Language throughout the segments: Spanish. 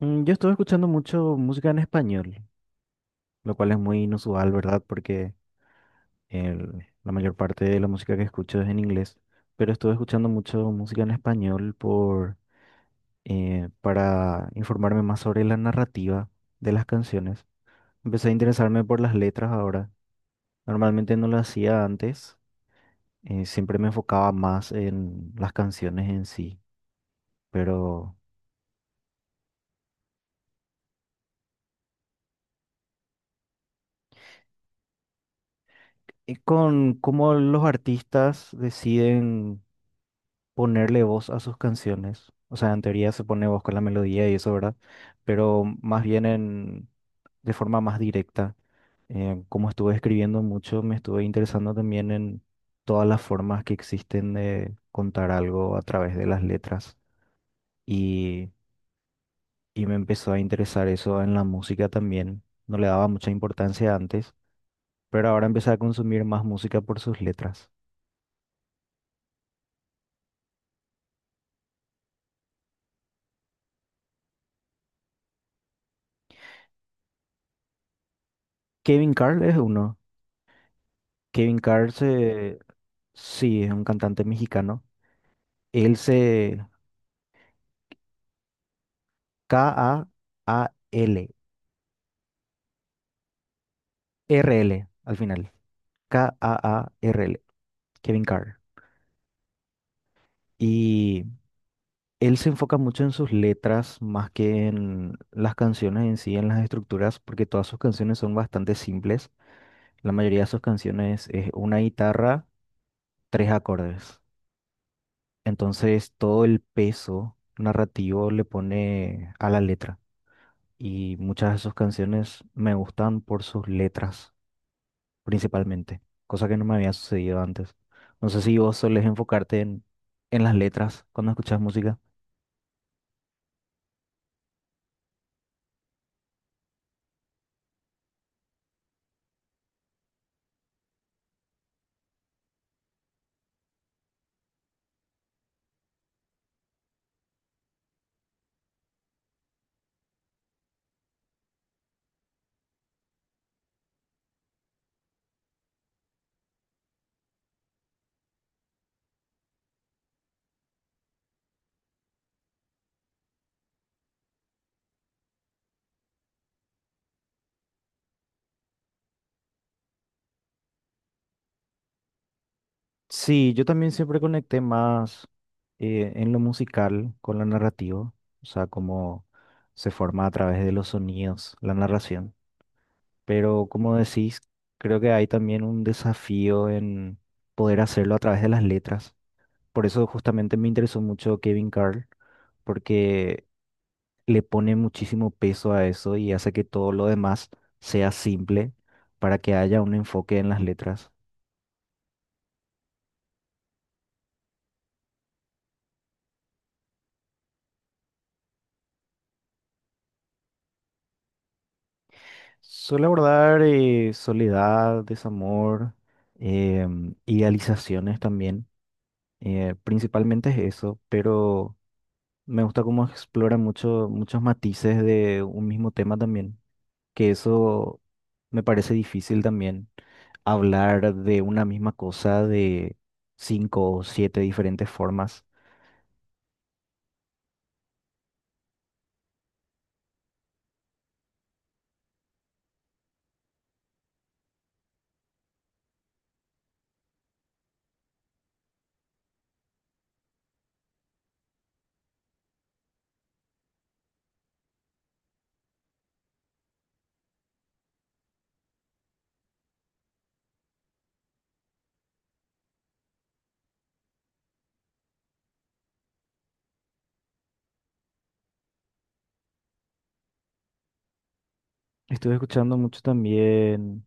Yo estuve escuchando mucho música en español, lo cual es muy inusual, ¿verdad? Porque la mayor parte de la música que escucho es en inglés, pero estuve escuchando mucho música en español por, para informarme más sobre la narrativa de las canciones. Empecé a interesarme por las letras ahora. Normalmente no lo hacía antes, siempre me enfocaba más en las canciones en sí, pero con cómo los artistas deciden ponerle voz a sus canciones. O sea, en teoría se pone voz con la melodía y eso, ¿verdad? Pero más bien en, de forma más directa. Como estuve escribiendo mucho, me estuve interesando también en todas las formas que existen de contar algo a través de las letras. Y, y me empezó a interesar eso en la música también. No le daba mucha importancia antes, pero ahora empecé a consumir más música por sus letras. Kevin Carl es uno. Kevin Carl se... Sí, es un cantante mexicano. Él se... KAAL. RL al final. KAARL. Kevin Carr. Y él se enfoca mucho en sus letras más que en las canciones en sí, en las estructuras, porque todas sus canciones son bastante simples. La mayoría de sus canciones es una guitarra, tres acordes. Entonces todo el peso narrativo le pone a la letra. Y muchas de sus canciones me gustan por sus letras, principalmente, cosa que no me había sucedido antes. No sé si vos solés enfocarte en las letras cuando escuchas música. Sí, yo también siempre conecté más en lo musical con la narrativa, o sea, cómo se forma a través de los sonidos, la narración. Pero como decís, creo que hay también un desafío en poder hacerlo a través de las letras. Por eso justamente me interesó mucho Kevin Carl, porque le pone muchísimo peso a eso y hace que todo lo demás sea simple para que haya un enfoque en las letras. Suele abordar soledad, desamor, idealizaciones también. Principalmente es eso, pero me gusta cómo explora mucho, muchos matices de un mismo tema también, que eso me parece difícil también, hablar de una misma cosa de cinco o siete diferentes formas. Estuve escuchando mucho también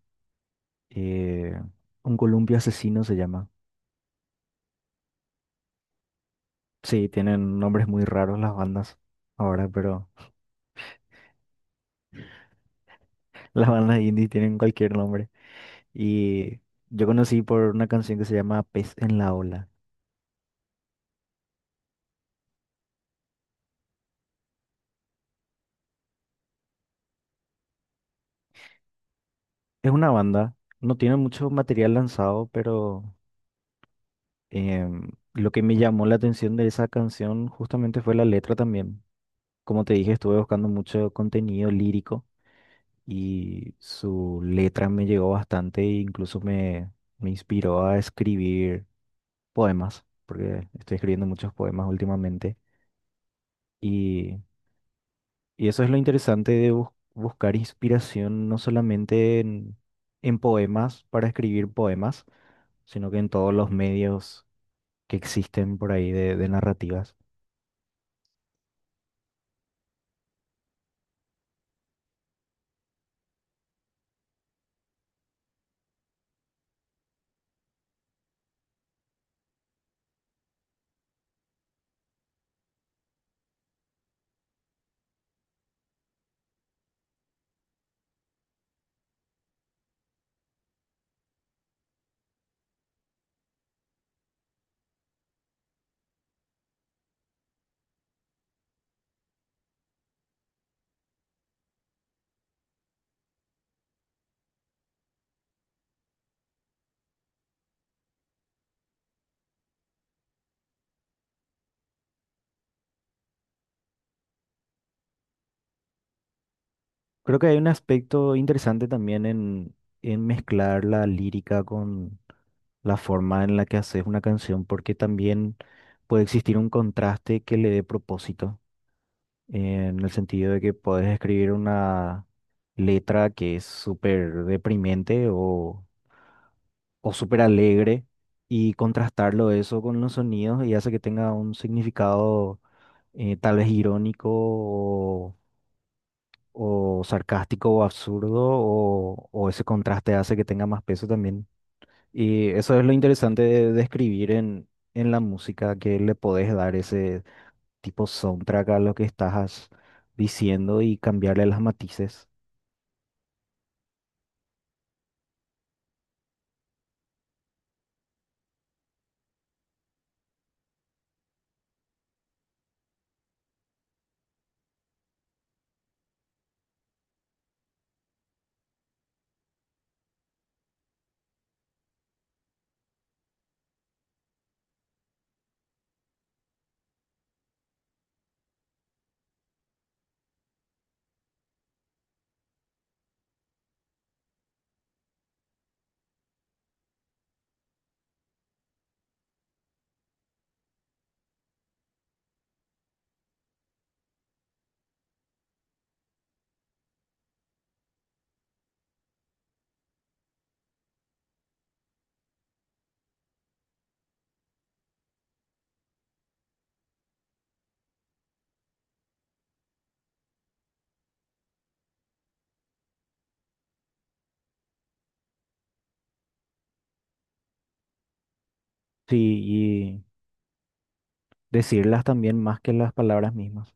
eh, Un Columpio Asesino se llama. Sí, tienen nombres muy raros las bandas ahora, pero las bandas indie tienen cualquier nombre. Y yo conocí por una canción que se llama Pez en la Ola. Es una banda, no tiene mucho material lanzado, pero lo que me llamó la atención de esa canción justamente fue la letra también. Como te dije, estuve buscando mucho contenido lírico. Y su letra me llegó bastante e incluso me, me inspiró a escribir poemas, porque estoy escribiendo muchos poemas últimamente. Y, y eso es lo interesante de buscar inspiración no solamente en poemas para escribir poemas, sino que en todos los medios que existen por ahí de, narrativas. Creo que hay un aspecto interesante también en mezclar la lírica, la forma en la que haces una canción, porque también puede existir un contraste que le dé propósito, en el sentido de que puedes escribir una letra que es súper deprimente o súper alegre y contrastarlo eso con los sonidos y hace que tenga un significado tal vez irónico o, sarcástico o absurdo o ese contraste hace que tenga más peso también. Y eso es lo interesante de, escribir en la música, que le podés dar ese tipo soundtrack a lo que estás diciendo y cambiarle las matices. Sí, y decirlas también más que las palabras mismas.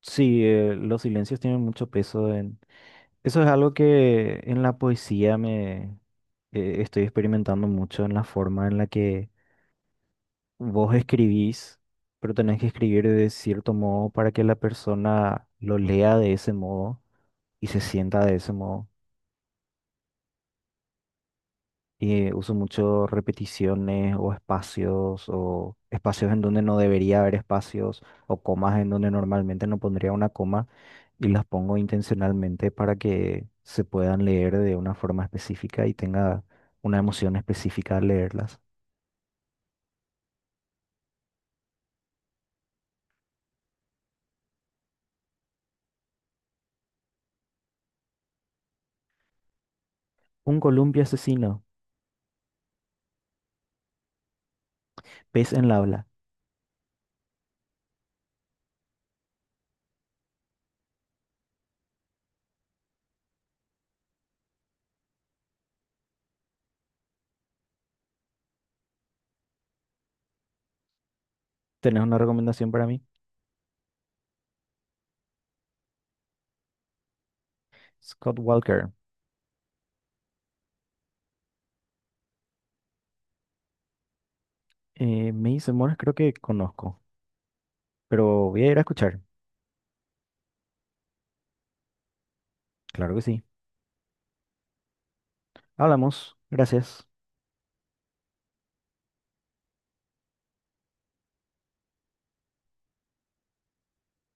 Sí, los silencios tienen mucho peso en... Eso es algo que en la poesía me estoy experimentando mucho en la forma en la que vos escribís, pero tenés que escribir de cierto modo para que la persona lo lea de ese modo y se sienta de ese modo. Y uso mucho repeticiones o espacios en donde no debería haber espacios o comas en donde normalmente no pondría una coma y las pongo intencionalmente para que se puedan leer de una forma específica y tenga una emoción específica al leerlas. Un columpio asesino, pez en la habla. ¿Tenés una recomendación para mí? Scott Walker. Me dice, Morris, creo que conozco, pero voy a ir a escuchar. Claro que sí. Hablamos. Gracias.